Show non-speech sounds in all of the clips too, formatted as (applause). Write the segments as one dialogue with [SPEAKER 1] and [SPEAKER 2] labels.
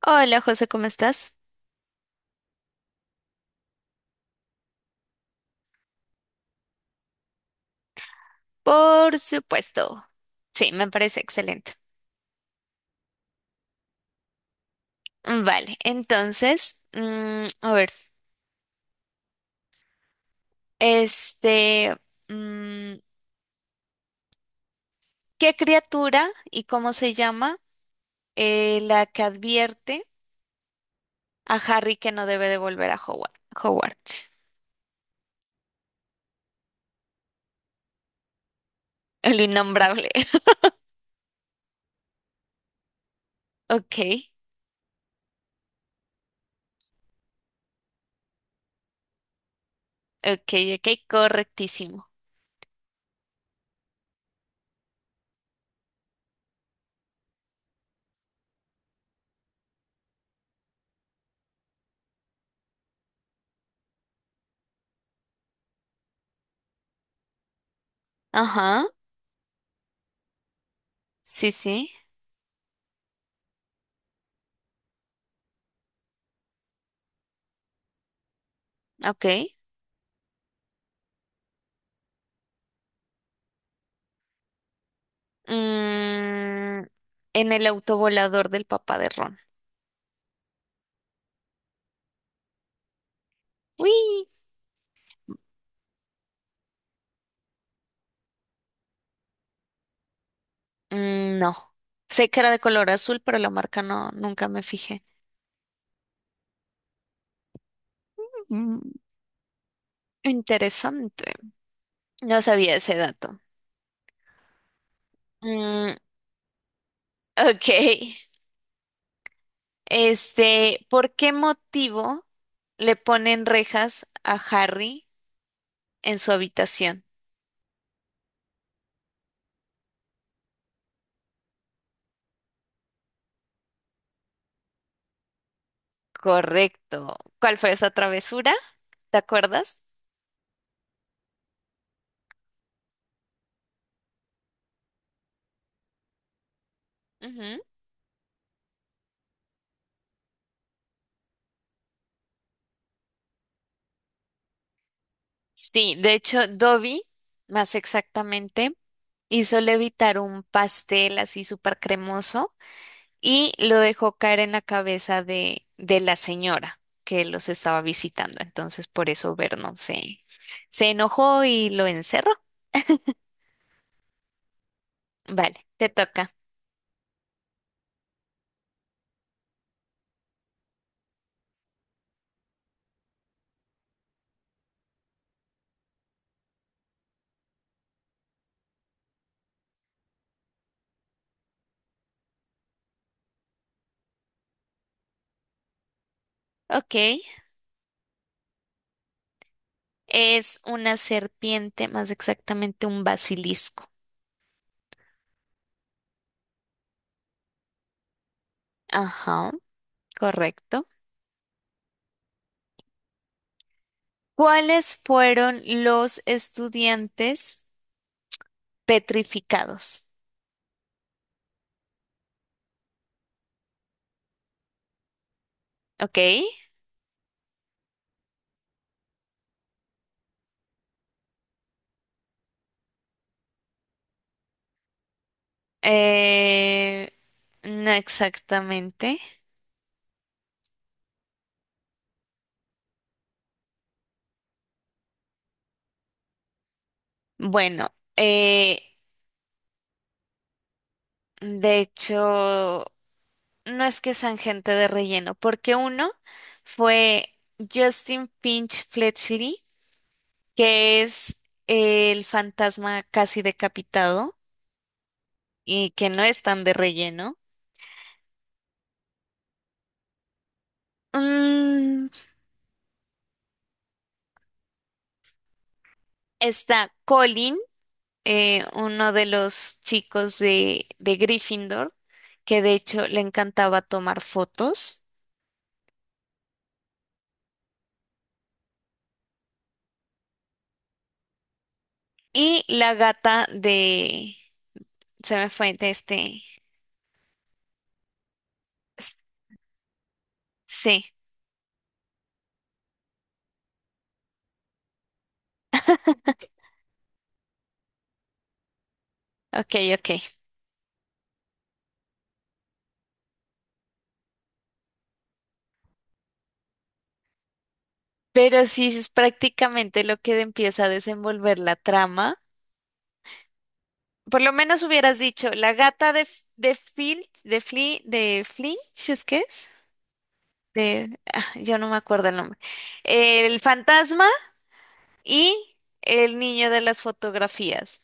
[SPEAKER 1] Hola José, ¿cómo estás? Por supuesto. Sí, me parece excelente. Vale, entonces, a ver, este, mm, ¿qué criatura y cómo se llama la que advierte a Harry que no debe de volver a Howard? Hogwarts, el innombrable. (laughs) Ok, ok, ok, correctísimo. Ajá, sí, sí, ok. Mm, en el autovolador del papá de Ron. Uy. Mm. No sé que era de color azul, pero la marca no, nunca me fijé. Mm, interesante. No sabía ese dato. Mm, ok. Este, ¿por qué motivo le ponen rejas a Harry en su habitación? Correcto. ¿Cuál fue esa travesura? ¿Te acuerdas? Ujú. Sí, de hecho, Dobby, más exactamente, hizo levitar un pastel así súper cremoso y lo dejó caer en la cabeza de la señora que los estaba visitando. Entonces, por eso Vernon se enojó y lo encerró. Vale, te toca. Ok, es una serpiente, más exactamente un basilisco. Ajá, correcto. ¿Cuáles fueron los estudiantes petrificados? Ok, eh, no exactamente. Bueno, de hecho, no es que sean gente de relleno, porque uno fue Justin Finch Fletchery, que es el fantasma casi decapitado y que no es tan de relleno. Mm, está Colin, uno de los chicos de Gryffindor, que de hecho le encantaba tomar fotos. Y la gata de... Se me fue de este... Sí, ok, ok. Pero sí es prácticamente lo que empieza a desenvolver la trama. Por lo menos hubieras dicho, la gata de, F- de Filch, de Fli, de Flinch, ¿es que es? De, ah, yo no me acuerdo el nombre. El fantasma y el niño de las fotografías.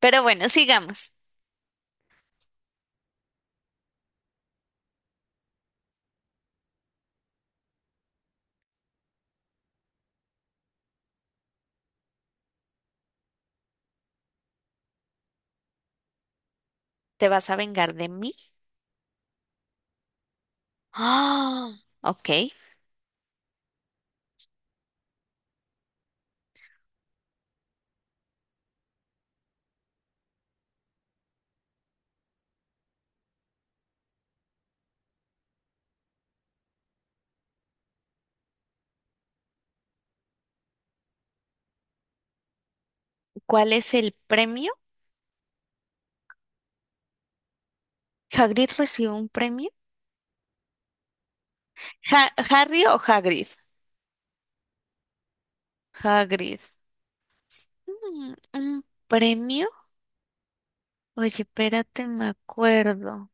[SPEAKER 1] Pero bueno, sigamos. ¿Te vas a vengar de mí? Ah, ok. ¿Cuál es el premio? ¿Hagrid recibió un premio? Ja- ¿Harry o Hagrid? Hagrid. Mm, ¿un premio? Oye, espérate, me acuerdo.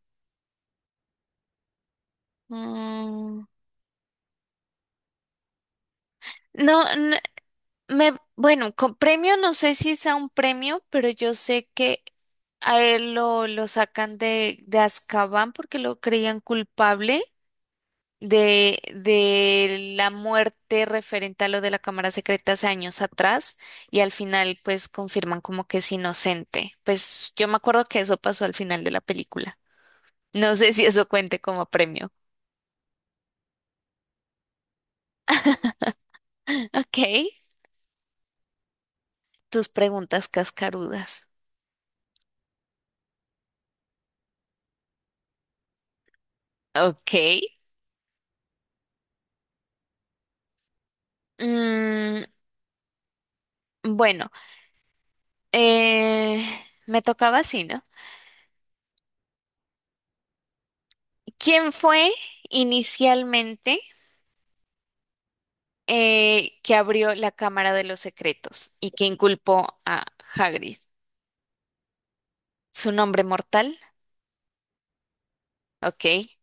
[SPEAKER 1] Mm, no, bueno, con premio no sé si sea un premio, pero yo sé que a él lo sacan de Azkaban porque lo creían culpable de la muerte referente a lo de la cámara secreta hace años atrás y al final pues confirman como que es inocente. Pues yo me acuerdo que eso pasó al final de la película. No sé si eso cuente como premio. (laughs) Ok. Tus preguntas cascarudas. Ok. Mm, bueno, eh, me tocaba así, ¿no? ¿Quién fue inicialmente que abrió la Cámara de los Secretos y que inculpó a Hagrid? ¿Su nombre mortal? Ok.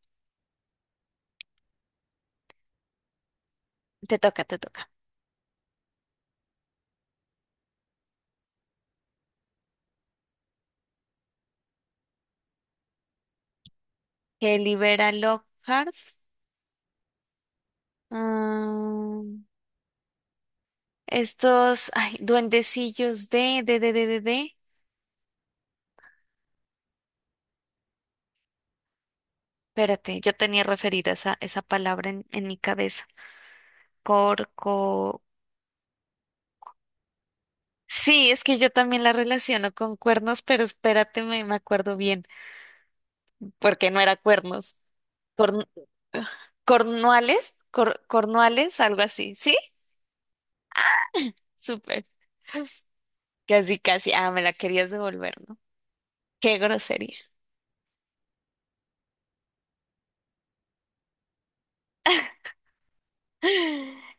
[SPEAKER 1] Te toca, te toca. Que libera Lockhart. Mm, estos, ay, duendecillos de. Espérate, yo tenía referida esa palabra en mi cabeza. Corco. Sí, es que yo también la relaciono con cuernos, pero espérate, me acuerdo bien, porque no era cuernos. Corn-, cornuales, cor-, cornuales, algo así. ¿Sí? Súper. Casi, casi. Ah, me la querías devolver, ¿no? Qué grosería.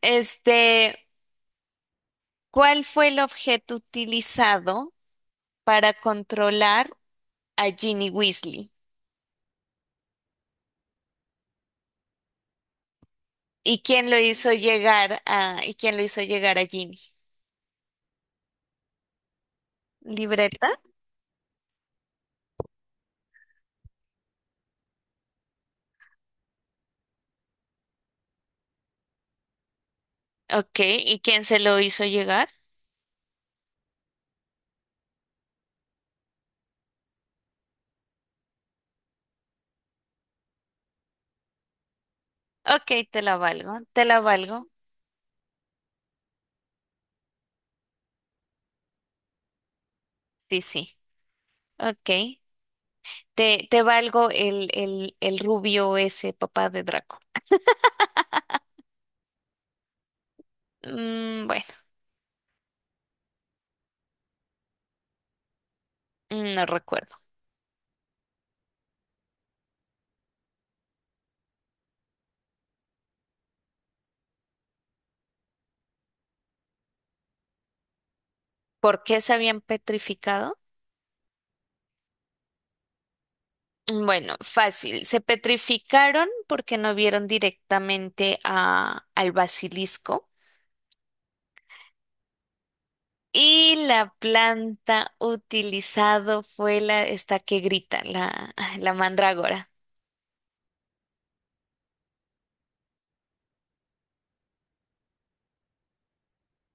[SPEAKER 1] Este, ¿cuál fue el objeto utilizado para controlar a Ginny Weasley? ¿Y quién lo hizo llegar a Ginny? ¿Libreta? Ok, ¿y quién se lo hizo llegar? Ok, te la valgo, te la valgo. Sí, sí. Ok, te valgo el rubio ese papá de Draco. Mm, bueno, mm, no recuerdo. ¿Por qué se habían petrificado? Mm, bueno, fácil. Se petrificaron porque no vieron directamente a, al basilisco. Y la planta utilizado fue esta que grita, la mandrágora.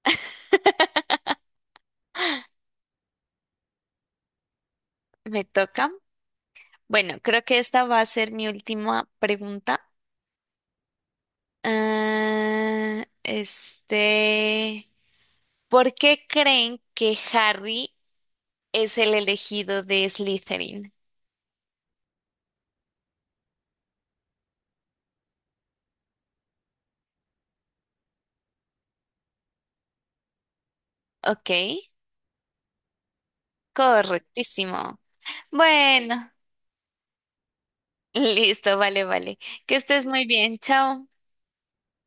[SPEAKER 1] (laughs) Me toca. Bueno, creo que esta va a ser mi última pregunta. Ah, este, ¿por qué creen que Harry es el elegido de Slytherin? Ok, correctísimo. Bueno, (laughs) listo, vale, vale. Que estés muy bien, chao.